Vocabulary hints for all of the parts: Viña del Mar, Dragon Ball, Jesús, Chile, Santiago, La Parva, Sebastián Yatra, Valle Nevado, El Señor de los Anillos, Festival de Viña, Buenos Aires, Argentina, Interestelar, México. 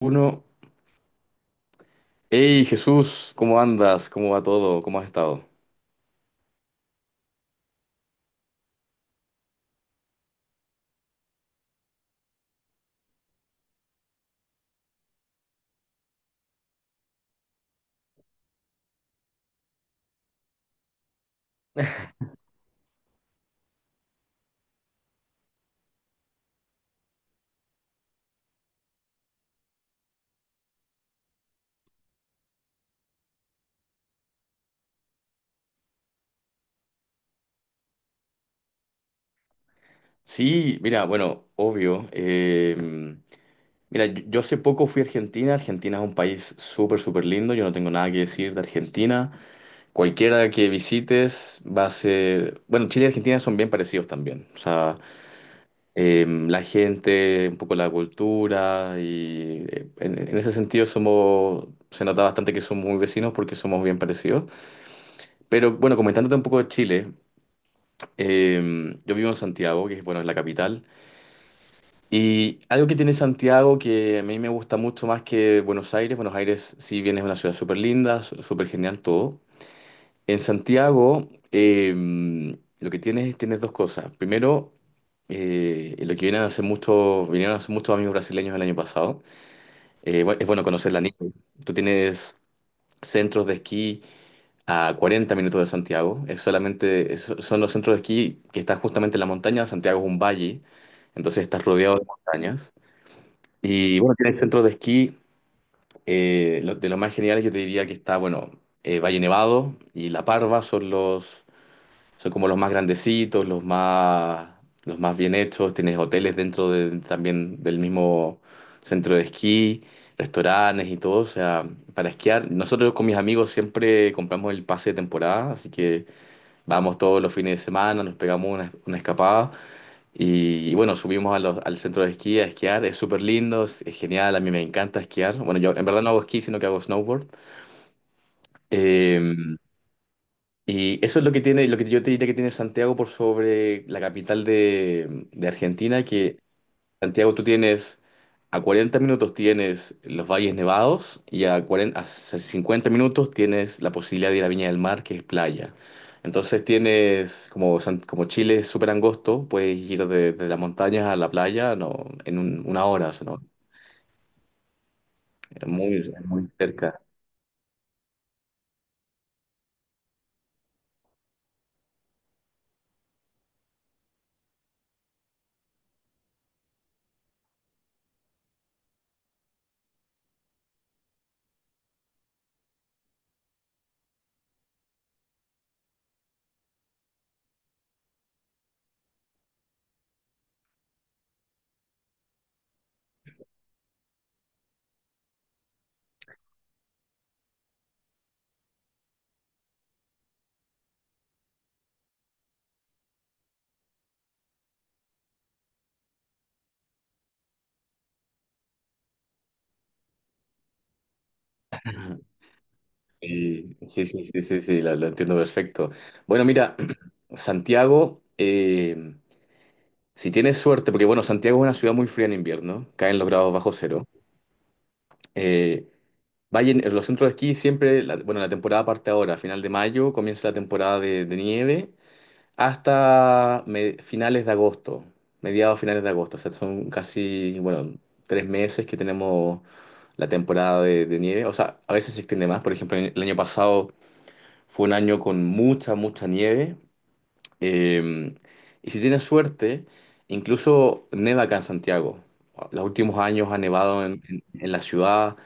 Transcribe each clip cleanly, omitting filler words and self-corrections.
Uno, hey Jesús, ¿cómo andas? ¿Cómo va todo? ¿Cómo has estado? Sí, mira, bueno, obvio. Mira, yo hace poco fui a Argentina. Argentina es un país súper, súper lindo. Yo no tengo nada que decir de Argentina. Cualquiera que visites va a ser. Bueno, Chile y Argentina son bien parecidos también. O sea, la gente, un poco la cultura y en ese sentido somos. Se nota bastante que somos muy vecinos porque somos bien parecidos. Pero bueno, comentándote un poco de Chile. Yo vivo en Santiago, que es, bueno, es la capital. Y algo que tiene Santiago que a mí me gusta mucho más que Buenos Aires. Buenos Aires, si bien es una ciudad súper linda, súper genial todo. En Santiago, lo que tienes dos cosas. Primero, lo que vienen a hacer muchos, vinieron a hacer muchos amigos brasileños el año pasado. Es bueno conocer la nieve. Tú tienes centros de esquí a 40 minutos de Santiago. Son los centros de esquí que están justamente en la montaña. Santiago es un valle, entonces estás rodeado de montañas. Y bueno, tienes centros de esquí. De los más geniales yo te diría que está, bueno, Valle Nevado y La Parva son como los más grandecitos, los más bien hechos. Tienes hoteles dentro también del mismo centro de esquí restaurantes y todo, o sea, para esquiar. Nosotros con mis amigos siempre compramos el pase de temporada, así que vamos todos los fines de semana, nos pegamos una escapada y bueno, subimos al centro de esquí a esquiar. Es súper lindo, es genial, a mí me encanta esquiar. Bueno, yo en verdad no hago esquí, sino que hago snowboard. Eh, y eso es lo que yo te diría que tiene Santiago por sobre la capital de Argentina, que Santiago, tú tienes a 40 minutos tienes los valles nevados y a 40, a 50 minutos tienes la posibilidad de ir a Viña del Mar, que es playa. Entonces tienes, como, como Chile es súper angosto, puedes ir de las montañas a la playa no, en una hora, o sea, ¿no? Es muy cerca. Sí, sí, sí, sí, sí, lo entiendo perfecto. Bueno, mira, Santiago, si tienes suerte, porque bueno, Santiago es una ciudad muy fría en invierno, caen los grados bajo cero. Eh, Vayan, los centros de esquí siempre, bueno, la temporada parte ahora, final de mayo comienza la temporada de nieve hasta finales de agosto, mediados finales de agosto, o sea, son casi, bueno, 3 meses que tenemos la temporada de nieve, o sea, a veces se extiende más, por ejemplo, el año pasado fue un año con mucha, mucha nieve, eh, y si tienes suerte, incluso neva acá en Santiago. Los últimos años ha nevado en la ciudad.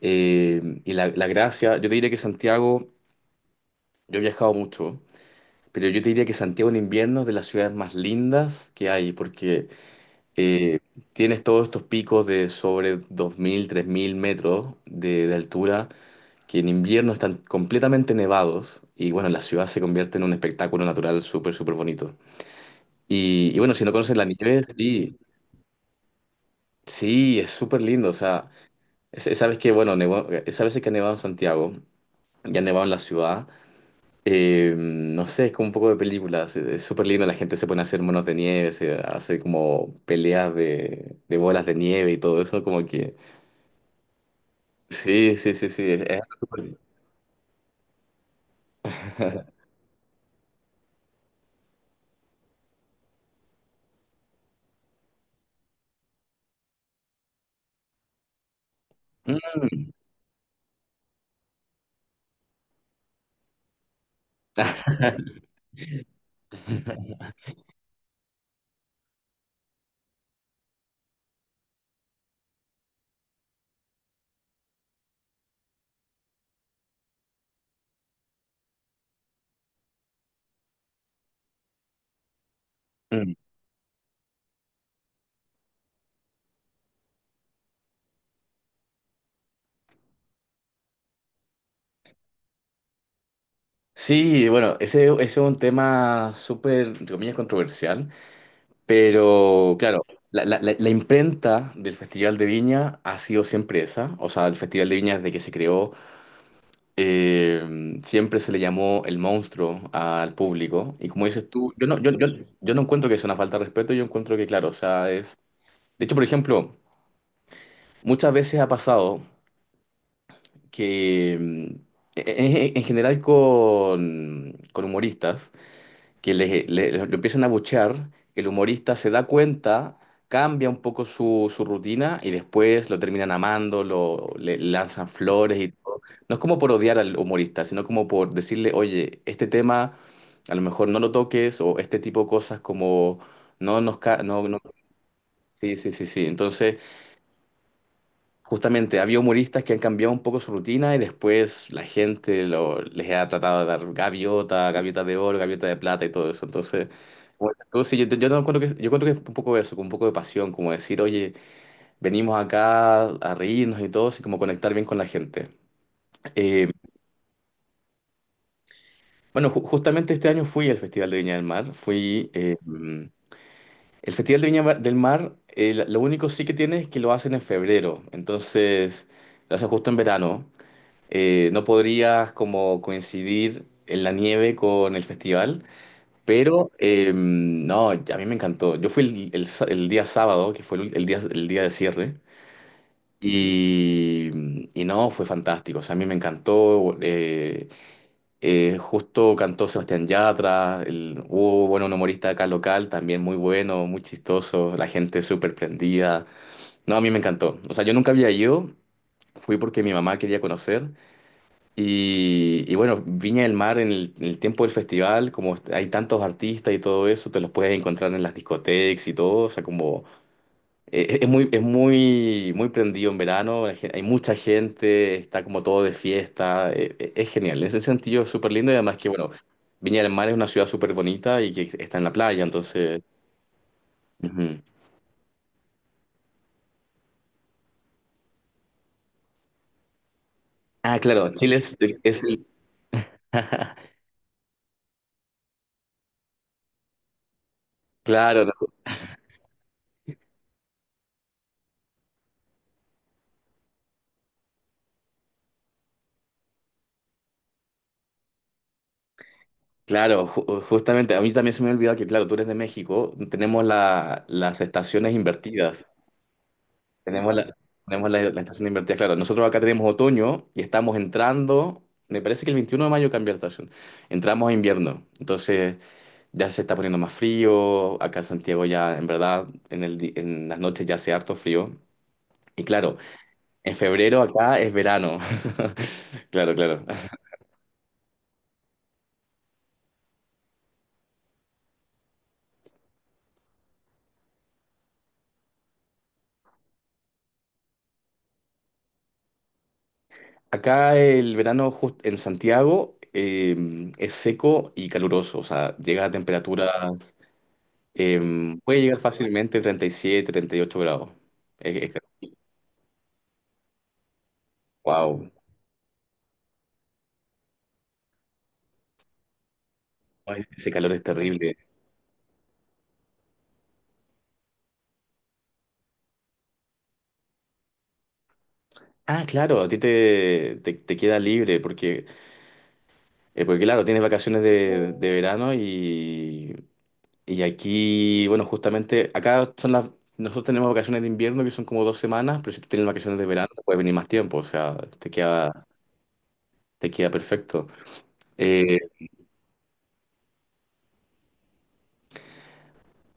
Y la gracia, yo te diría que Santiago, yo he viajado mucho, pero yo te diría que Santiago en invierno es de las ciudades más lindas que hay, porque eh, tienes todos estos picos de sobre 2000 3000 metros de altura, que en invierno están completamente nevados, y bueno, la ciudad se convierte en un espectáculo natural súper, súper bonito. Y bueno, si no conoces la nieve, sí, sí, es súper lindo, o sea, sabes que, bueno, sabes que ha nevado en Santiago, ya ha nevado en la ciudad. No sé, es como un poco de películas. Es súper lindo, la gente se pone a hacer monos de nieve, se hace como peleas de bolas de nieve y todo eso, como que. Sí, sí, sí, sí, es algo súper lindo. Mm, ah, mm. Sí, bueno, ese es un tema súper, entre comillas, controversial, pero claro, la imprenta del Festival de Viña ha sido siempre esa, o sea, el Festival de Viña desde que se creó. Siempre se le llamó el monstruo al público. Y como dices tú, yo no encuentro que sea una falta de respeto, yo encuentro que, claro, o sea, es. De hecho, por ejemplo, muchas veces ha pasado que, en general con humoristas, que lo empiezan a buchear, el humorista se da cuenta, cambia un poco su rutina y después lo terminan amando, le lanzan flores y todo. No es como por odiar al humorista, sino como por decirle, oye, este tema a lo mejor no lo toques o este tipo de cosas como no nos. No, no, sí, sí, sí, sí. Entonces. Justamente, había humoristas que han cambiado un poco su rutina y después la gente les ha tratado de dar gaviota, gaviota de oro, gaviota de plata y todo eso. Entonces, bueno, tú sí, yo no encuentro que, yo encuentro que es un poco eso, con un poco de pasión, como decir, oye, venimos acá a reírnos y todo, así como conectar bien con la gente. Eh, bueno, justamente este año fui al Festival de Viña del Mar. Fui, el Festival de Viña del Mar, lo único sí que tiene es que lo hacen en febrero. Entonces, lo hacen justo en verano. No podrías como coincidir en la nieve con el festival, pero no, a mí me encantó. Yo fui el día sábado, que fue el día de cierre, y, y no, fue fantástico. O sea, a mí me encantó. Justo cantó Sebastián Yatra, hubo, bueno, un humorista acá local, también muy bueno, muy chistoso, la gente súper prendida. No, a mí me encantó. O sea, yo nunca había ido, fui porque mi mamá quería conocer. Y bueno, Viña del Mar en el tiempo del festival, como hay tantos artistas y todo eso, te los puedes encontrar en las discotecas y todo, o sea, como es muy, muy prendido en verano, hay mucha gente, está como todo de fiesta, es genial, en ese sentido es súper lindo y además que, bueno, Viña del Mar es una ciudad súper bonita y que está en la playa, entonces. Ujú. Ah, claro, Chile es el- Claro, Claro, justamente, a mí también se me ha que, claro, tú eres de México, tenemos las estaciones invertidas. Tenemos la, tenemos la estación invertida, claro. Nosotros acá tenemos otoño y estamos entrando, me parece que el 21 de mayo cambia la estación. Entramos a invierno, entonces ya se está poniendo más frío. Acá en Santiago ya, en verdad, en las noches ya hace harto frío. Y claro, en febrero acá es verano. Claro, claro. Acá el verano en Santiago es seco y caluroso, o sea, llega a temperaturas, eh, puede llegar fácilmente 37, 38 grados. Es, wow, ese calor es terrible. Ah, claro, a ti te queda libre porque, porque claro, tienes vacaciones de verano y aquí, bueno, justamente acá son las. Nosotros tenemos vacaciones de invierno que son como 2 semanas, pero si tú tienes vacaciones de verano, puedes venir más tiempo, o sea, te queda perfecto. Eh,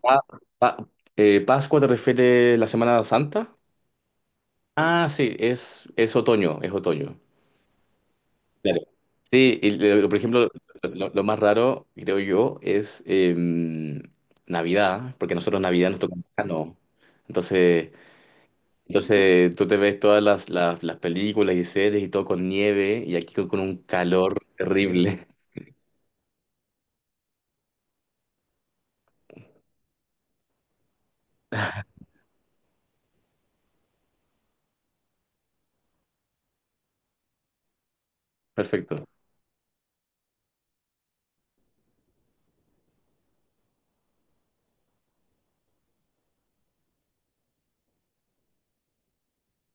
pa- pa- ¿Pascua te refiere la Semana Santa? Ah, sí, es otoño, es otoño. Claro. Sí, por ejemplo, lo más raro, creo yo, es Navidad, porque nosotros Navidad nos toca en verano. Entonces, entonces, tú te ves todas las películas y series y todo con nieve y aquí con un calor terrible. Perfecto,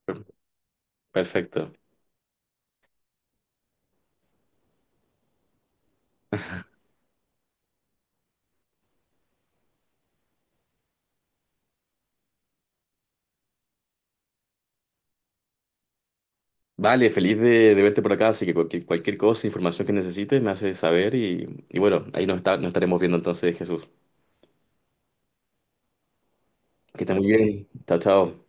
per- perfecto. Vale, feliz de verte por acá, así que cualquier cosa, información que necesites, me haces saber y bueno, nos estaremos viendo entonces, Jesús. Que estés muy bien. Chao, chao.